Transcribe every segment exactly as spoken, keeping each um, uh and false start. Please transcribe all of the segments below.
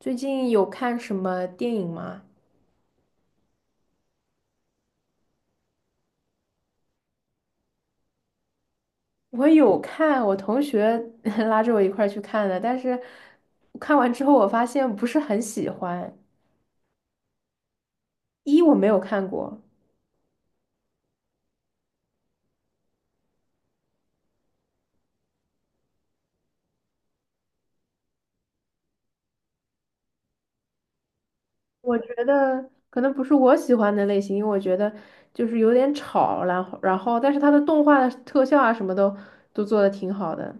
最近有看什么电影吗？我有看，我同学 拉着我一块儿去看的，但是看完之后我发现不是很喜欢。一我没有看过，我觉得可能不是我喜欢的类型，因为我觉得就是有点吵，然后然后但是它的动画的特效啊什么都都做的挺好的，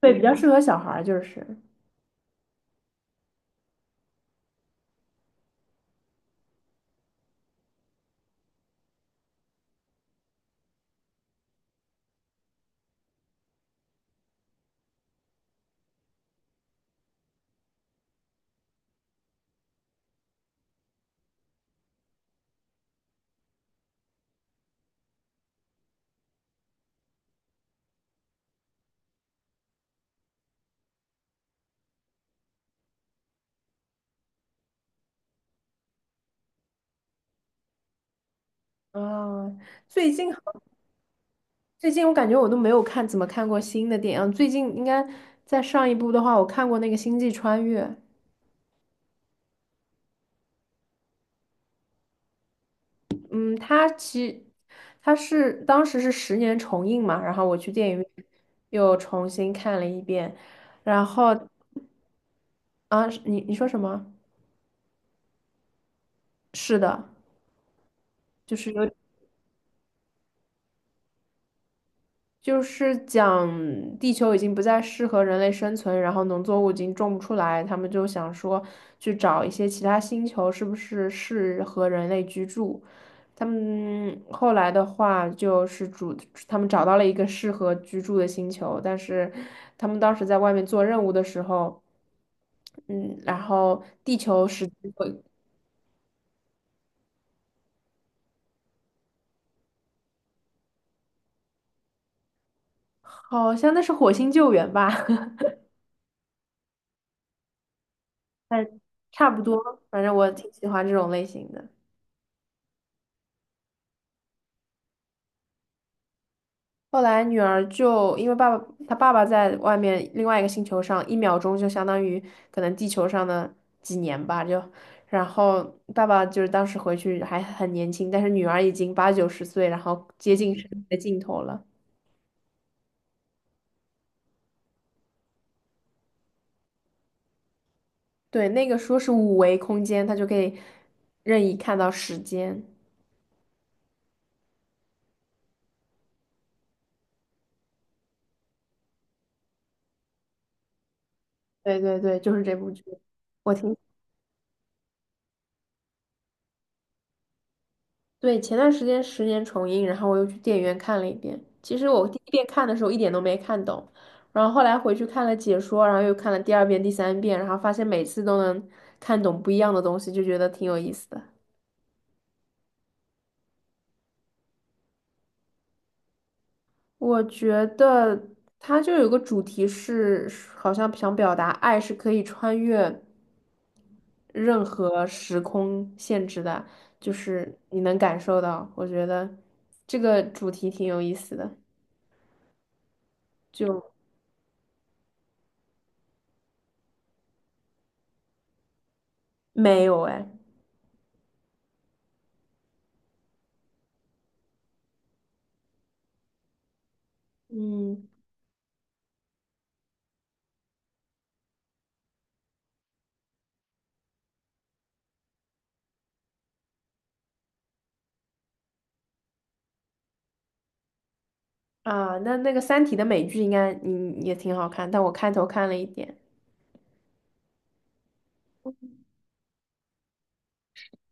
对，比较适合小孩儿就是。啊，最近。最近我感觉我都没有看怎么看过新的电影，最近应该在上一部的话，我看过那个《星际穿越》，嗯，它其它是当时是十年重映嘛，然后我去电影院又重新看了一遍，然后啊，你你说什么？是的，就是有。就是讲地球已经不再适合人类生存，然后农作物已经种不出来，他们就想说去找一些其他星球，是不是适合人类居住？他们后来的话就是主，他们找到了一个适合居住的星球，但是他们当时在外面做任务的时候，嗯，然后地球是好像那是火星救援吧，但差不多，反正我挺喜欢这种类型的。后来女儿就因为爸爸，她爸爸在外面另外一个星球上，一秒钟就相当于可能地球上的几年吧，就，然后爸爸就是当时回去还很年轻，但是女儿已经八九十岁，然后接近生命的尽头了。对，那个说是五维空间，它就可以任意看到时间。对对对，就是这部剧，我挺。对，前段时间《十年重映》，然后我又去电影院看了一遍。其实我第一遍看的时候一点都没看懂，然后后来回去看了解说，然后又看了第二遍、第三遍，然后发现每次都能看懂不一样的东西，就觉得挺有意思的。我觉得它就有个主题是，好像想表达爱是可以穿越任何时空限制的，就是你能感受到。我觉得这个主题挺有意思的，就没有哎。嗯啊，那那个《三体》的美剧应该嗯也挺好看，但我开头看了一点，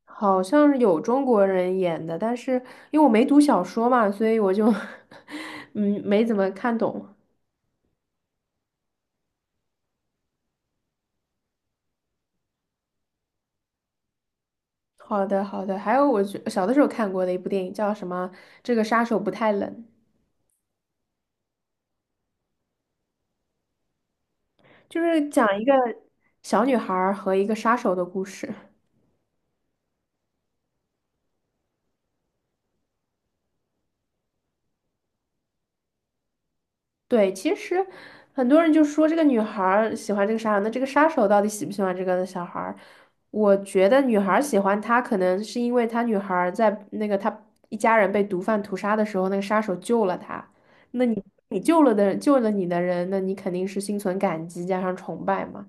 好像是有中国人演的，但是因为我没读小说嘛，所以我就 嗯没怎么看懂。好的好的，还有我觉小的时候看过的一部电影叫什么？这个杀手不太冷，就是讲一个小女孩儿和一个杀手的故事。对，其实很多人就说这个女孩儿喜欢这个杀手，那这个杀手到底喜不喜欢这个小孩儿？我觉得女孩儿喜欢他，可能是因为他女孩儿在那个他一家人被毒贩屠杀的时候，那个杀手救了他。那你你救了的救了你的人，那你肯定是心存感激加上崇拜嘛。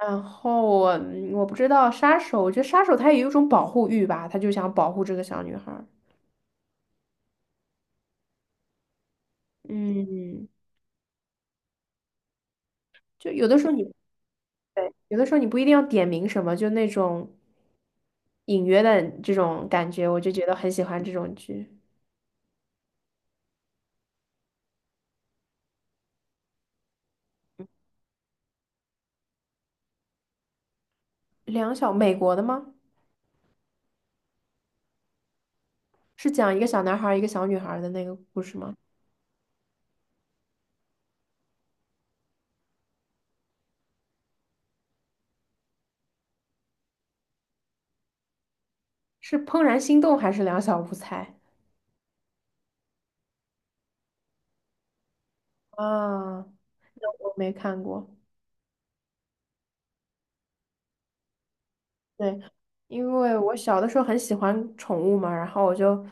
然后我嗯我不知道杀手，我觉得杀手他也有一种保护欲吧，他就想保护这个小女孩儿。嗯，就有的时候你对，有的时候你不一定要点名什么，就那种。隐约的这种感觉，我就觉得很喜欢这种剧。两小，美国的吗？是讲一个小男孩儿一个小女孩儿的那个故事吗？是《怦然心动》还是《两小无猜》啊？那我没看过。对，因为我小的时候很喜欢宠物嘛，然后我就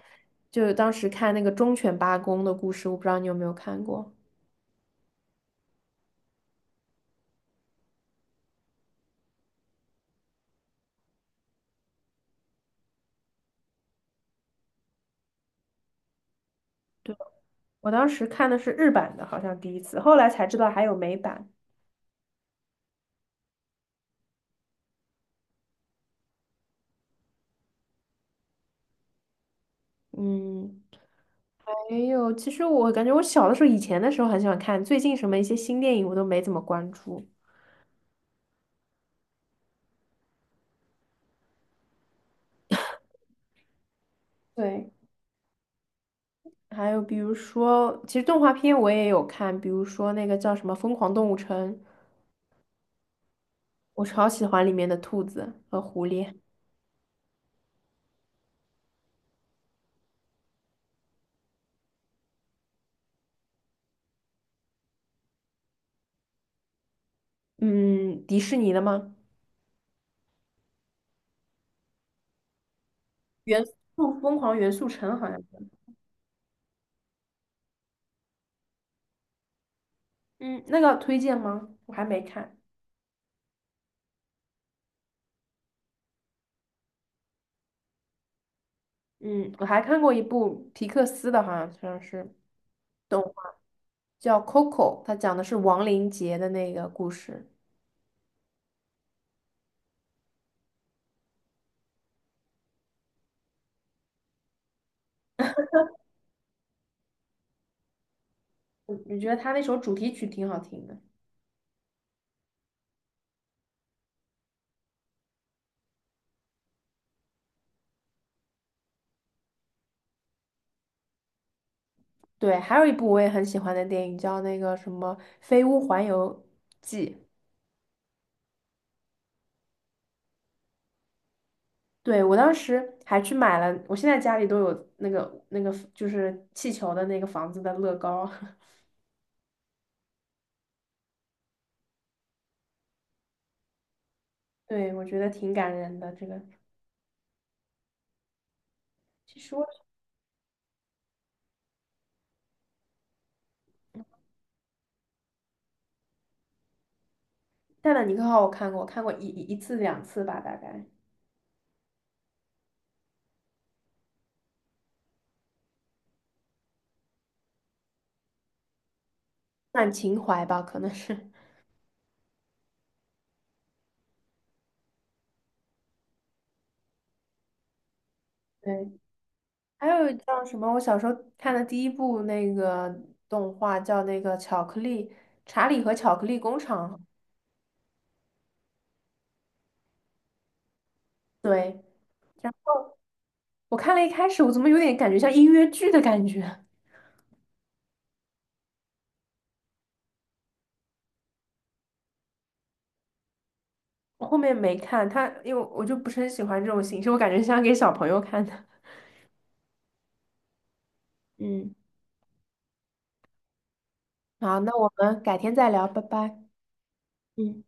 就当时看那个忠犬八公的故事，我不知道你有没有看过。我当时看的是日版的，好像第一次，后来才知道还有美版。嗯。没有，其实我感觉我小的时候，以前的时候很喜欢看，最近什么一些新电影我都没怎么关注。对，还有比如说，其实动画片我也有看，比如说那个叫什么《疯狂动物城》，我超喜欢里面的兔子和狐狸。嗯，迪士尼的吗？元素疯狂元素城好像是嗯，那个推荐吗？我还没看。嗯，我还看过一部皮克斯的，好像好像是动画叫《Coco》，它讲的是亡灵节的那个故事。我我觉得他那首主题曲挺好听的。对，还有一部我也很喜欢的电影叫那个什么《飞屋环游记》。对，我当时还去买了，我现在家里都有那个那个就是气球的那个房子的乐高。对，我觉得挺感人的。这个其实我《泰坦尼克号》我看过，我看过一一一次两次吧，大概算情怀吧，可能是。对，还有叫什么？我小时候看的第一部那个动画叫那个《巧克力查理和巧克力工厂》。对，然后我看了一开始，我怎么有点感觉像音乐剧的感觉？我后面没看它，因为我就不是很喜欢这种形式，我感觉像给小朋友看的。嗯，好，那我们改天再聊，拜拜。嗯。